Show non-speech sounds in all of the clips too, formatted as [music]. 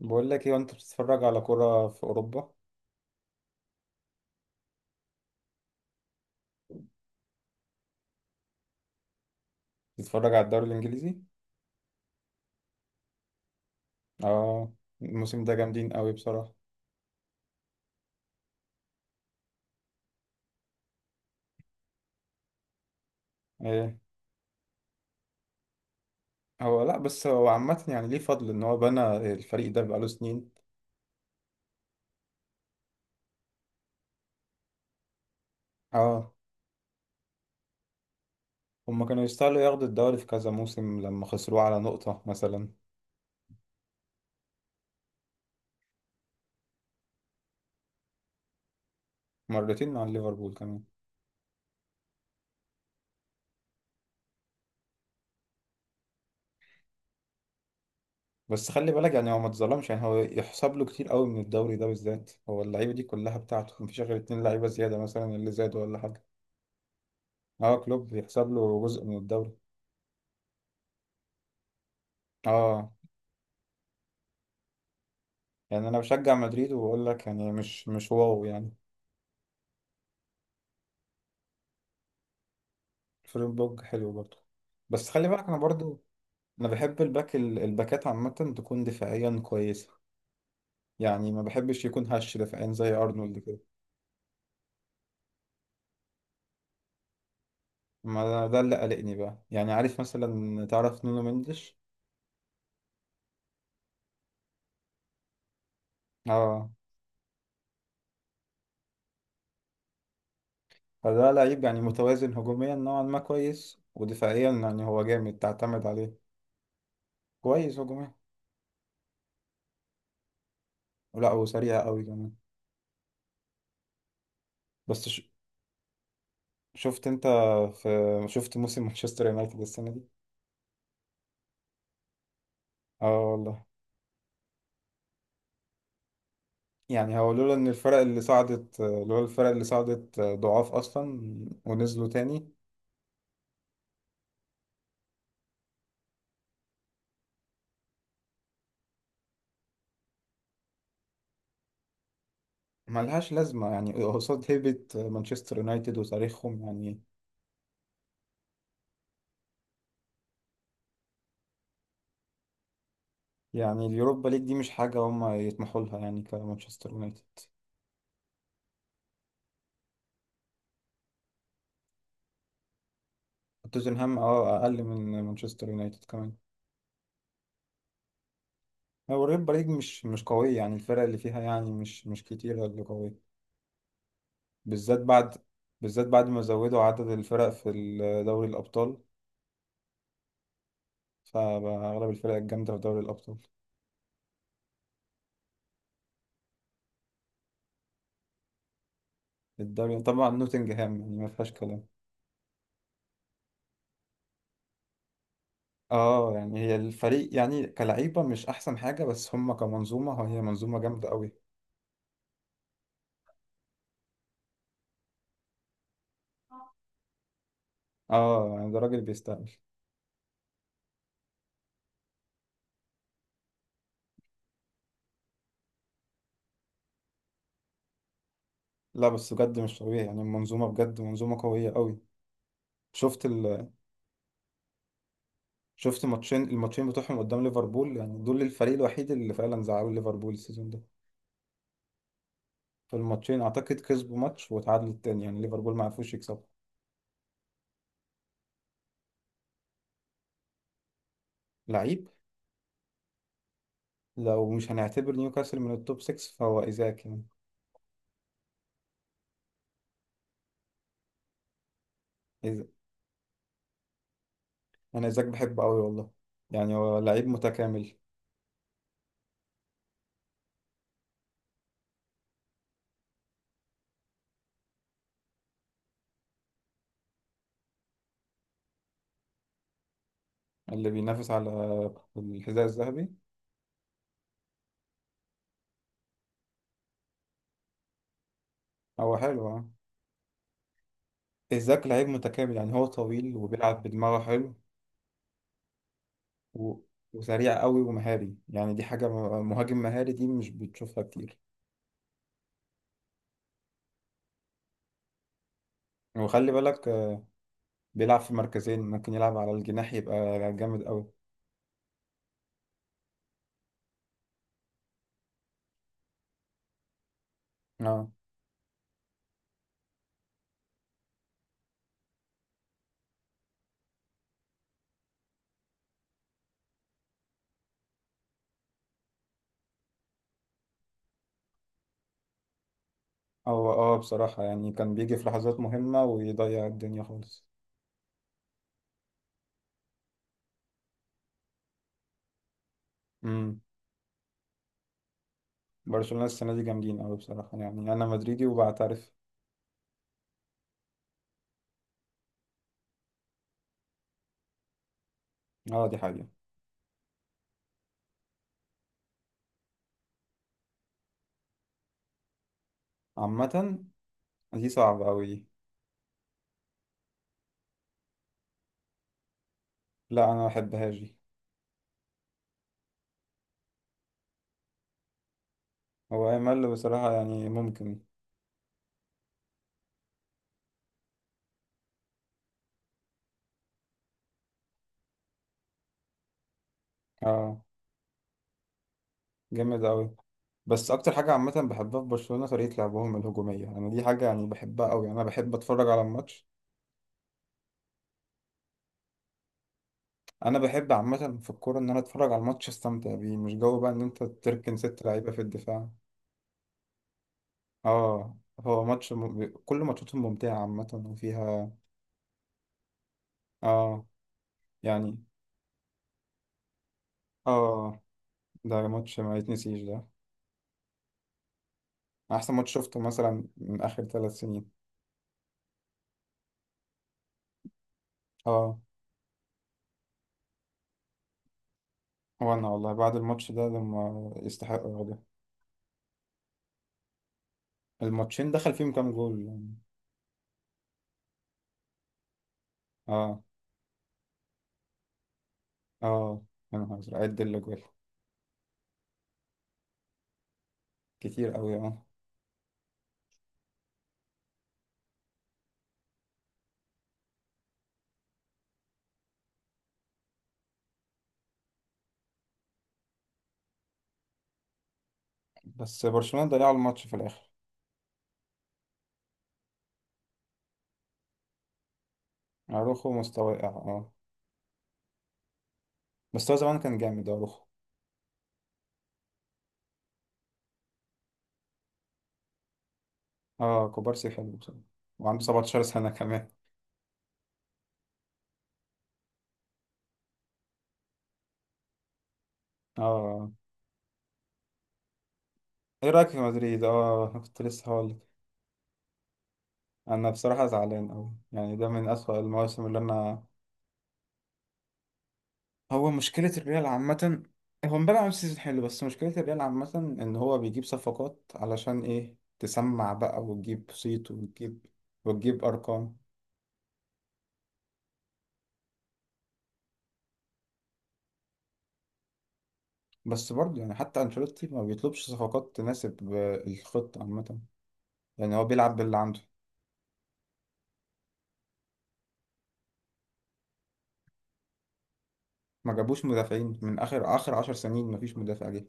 بقول لك ايه وانت بتتفرج على كرة في اوروبا؟ بتتفرج على الدوري الانجليزي؟ اه. الموسم ده جامدين قوي بصراحة. ايه. هو لا، بس هو عامة يعني ليه فضل ان هو بنى الفريق ده بقاله سنين. اه. هما كانوا يستاهلوا ياخدوا الدوري في كذا موسم لما خسروه على نقطة مثلا. مرتين مع ليفربول كمان. بس خلي بالك، يعني هو ما اتظلمش، يعني هو يحسب له كتير قوي من الدوري ده بالذات، هو اللعيبة دي كلها بتاعته، مفيش غير 2 لعيبة زيادة مثلا اللي زادوا ولا حاجة. اه، كلوب يحسب له جزء من الدوري. اه، يعني انا بشجع مدريد وبقول لك يعني مش واو يعني. فليب حلو برضه. بس خلي بالك انا برضه. انا بحب الباك الباكات عامه تكون دفاعيا كويسه. يعني ما بحبش يكون هش دفاعيا زي ارنولد كده. ما ده اللي قلقني بقى، يعني عارف مثلا تعرف نونو مندش. اه. فده لعيب يعني متوازن هجوميا نوعا ما كويس، ودفاعيا يعني هو جامد تعتمد عليه. كويس هجوميا. لا وسريع قوي كمان. بس ش... شفت انت في شفت موسم مانشستر يونايتد السنه دي؟ اه والله. يعني هو لولا الفرق اللي صعدت ضعاف اصلا ونزلوا تاني ملهاش لازمه يعني قصاد هيبه مانشستر يونايتد وتاريخهم يعني. يعني اليوروبا ليج دي مش حاجه هم يطمحوا لها يعني كمانشستر يونايتد. توتنهام اه اقل من مانشستر يونايتد كمان. هو اليوروبا ليج مش قويه، يعني الفرق اللي فيها يعني مش كتيره اللي قويه. بالذات بعد بالذات بعد ما زودوا عدد الفرق في دوري الابطال. فأغلب الفرق الجامدة في دوري الأبطال. الدوري طبعا نوتنجهام، يعني ما فيهاش كلام. اه، يعني هي الفريق يعني كلعيبة مش أحسن حاجة، بس هم كمنظومة هي منظومة جامدة أوي. اه، يعني ده راجل بيستاهل. لا بس بجد مش طبيعي، يعني المنظومة بجد منظومة قوية أوي. شفت ال... شفت الماتشين بتوعهم قدام ليفربول، يعني دول الفريق الوحيد اللي فعلا زعلوا ليفربول السيزون ده. في الماتشين أعتقد كسبوا ماتش وتعادلوا التاني، يعني ليفربول ما عرفوش يكسبوا. لعيب. لو مش هنعتبر نيوكاسل من التوب 6 فهو إيزاك يعني. انا ايزاك بحبه قوي والله. يعني هو لعيب متكامل. اللي بينافس على الحذاء الذهبي. هو حلو اه. ايزاك لعيب متكامل، يعني هو طويل وبيلعب بدماغه حلو. و... وسريع قوي ومهاري، يعني دي حاجة مهاجم مهاري دي مش بتشوفها كتير. وخلي بالك بيلعب في مركزين ممكن يلعب على الجناح يبقى جامد قوي. اه. هو بصراحة يعني كان بيجي في لحظات مهمة ويضيع الدنيا خالص. امم برشلونة السنة دي جامدين قوي بصراحة، يعني انا مدريدي وبعترف. اه دي حقيقة. عامة. دي صعبة أوي دي. لا أنا مبحبهاش دي. هو أمل بصراحة يعني ممكن. اه جامد أوي. بس أكتر حاجة عامة بحبها في برشلونة طريقة لعبهم الهجومية، أنا دي حاجة يعني بحبها أوي، أنا بحب أتفرج على الماتش. أنا بحب عامة في الكورة إن أنا أتفرج على الماتش أستمتع بيه، مش جو بقى إن أنت تركن ست لعيبة في الدفاع. اه. كل ماتشاتهم ممتعة عامة وفيها. اه. يعني اه. ده ماتش ما يتنسيش ده. أحسن ماتش شفته مثلا من آخر 3 سنين. اه، وانا والله بعد الماتش ده لما يستحق ده. الماتشين دخل فيهم كام جول يعني؟ اه. اه، يا نهار ازرق عد الاجوال. كتير قوي اه. بس برشلونة ضيع الماتش في الاخر. اروخو مستوى واقع اه. بس هو زمان كان جامد اروخو. اه، كوبارسي حلو بصراحة. وعنده 17 سنة [laughs] كمان. اه اه. ايه رأيك في مدريد؟ اه. [laughs] كنت لسه هقولك. انا بصراحة زعلان قوي، يعني ده من اسوأ المواسم اللي انا. هو مشكلة الريال عامة. هو امبارح عمل سيزون حلو، بس مشكلة الريال عامة إن هو بيجيب صفقات علشان إيه، تسمع بقى وتجيب صيت وتجيب وتجيب أرقام. بس برضه يعني حتى أنشيلوتي ما بيطلبش صفقات تناسب الخطة عامة. يعني هو بيلعب باللي عنده. ما جابوش مدافعين من آخر آخر 10 سنين، ما فيش مدافع جه.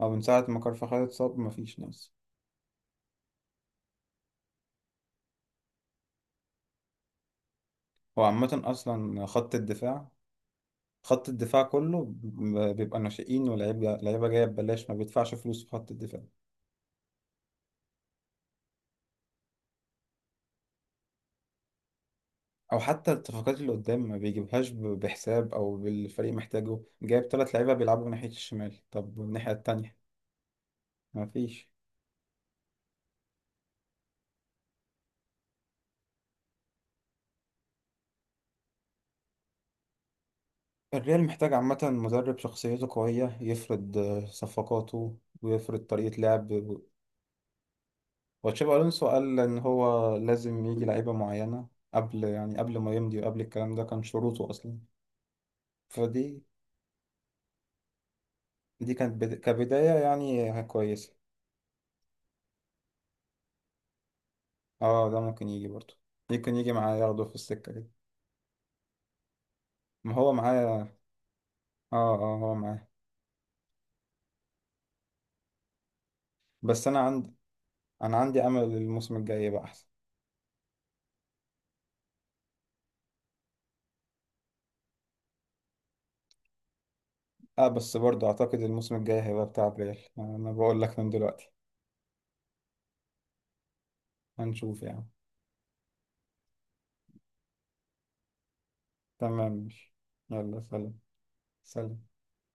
أو من ساعة ما كارفاخال اتصاب ما فيش ناس. هو عامة أصلا خط الدفاع. خط الدفاع كله بيبقى ناشئين ولاعيبة لعيبة جاية ببلاش، ما بيدفعش فلوس في خط الدفاع. او حتى الصفقات اللي قدام ما بيجيبهاش بحساب، او بالفريق محتاجه، جايب 3 لعيبه بيلعبوا من ناحيه الشمال، طب والناحيه التانية ما فيش. الريال محتاج عامه مدرب شخصيته قويه يفرض صفقاته ويفرض طريقه لعب. وتشابي الونسو قال ان هو لازم يجي لعيبه معينه، قبل ما يمضي، وقبل الكلام ده كان شروطه اصلا. فدي دي كانت كبدايه يعني كويسه. اه ده ممكن يجي برضه. ممكن يجي معاه ياخده في السكه دي. ما هو معاه اه. اه هو معاه. بس انا عندي انا عندي امل الموسم الجاي يبقى احسن. اه بس برضو اعتقد الموسم الجاي هيبقى بتاع ريال، انا بقول لك من دلوقتي. هنشوف يعني. تمام ماشي. يلا سلام. سلام.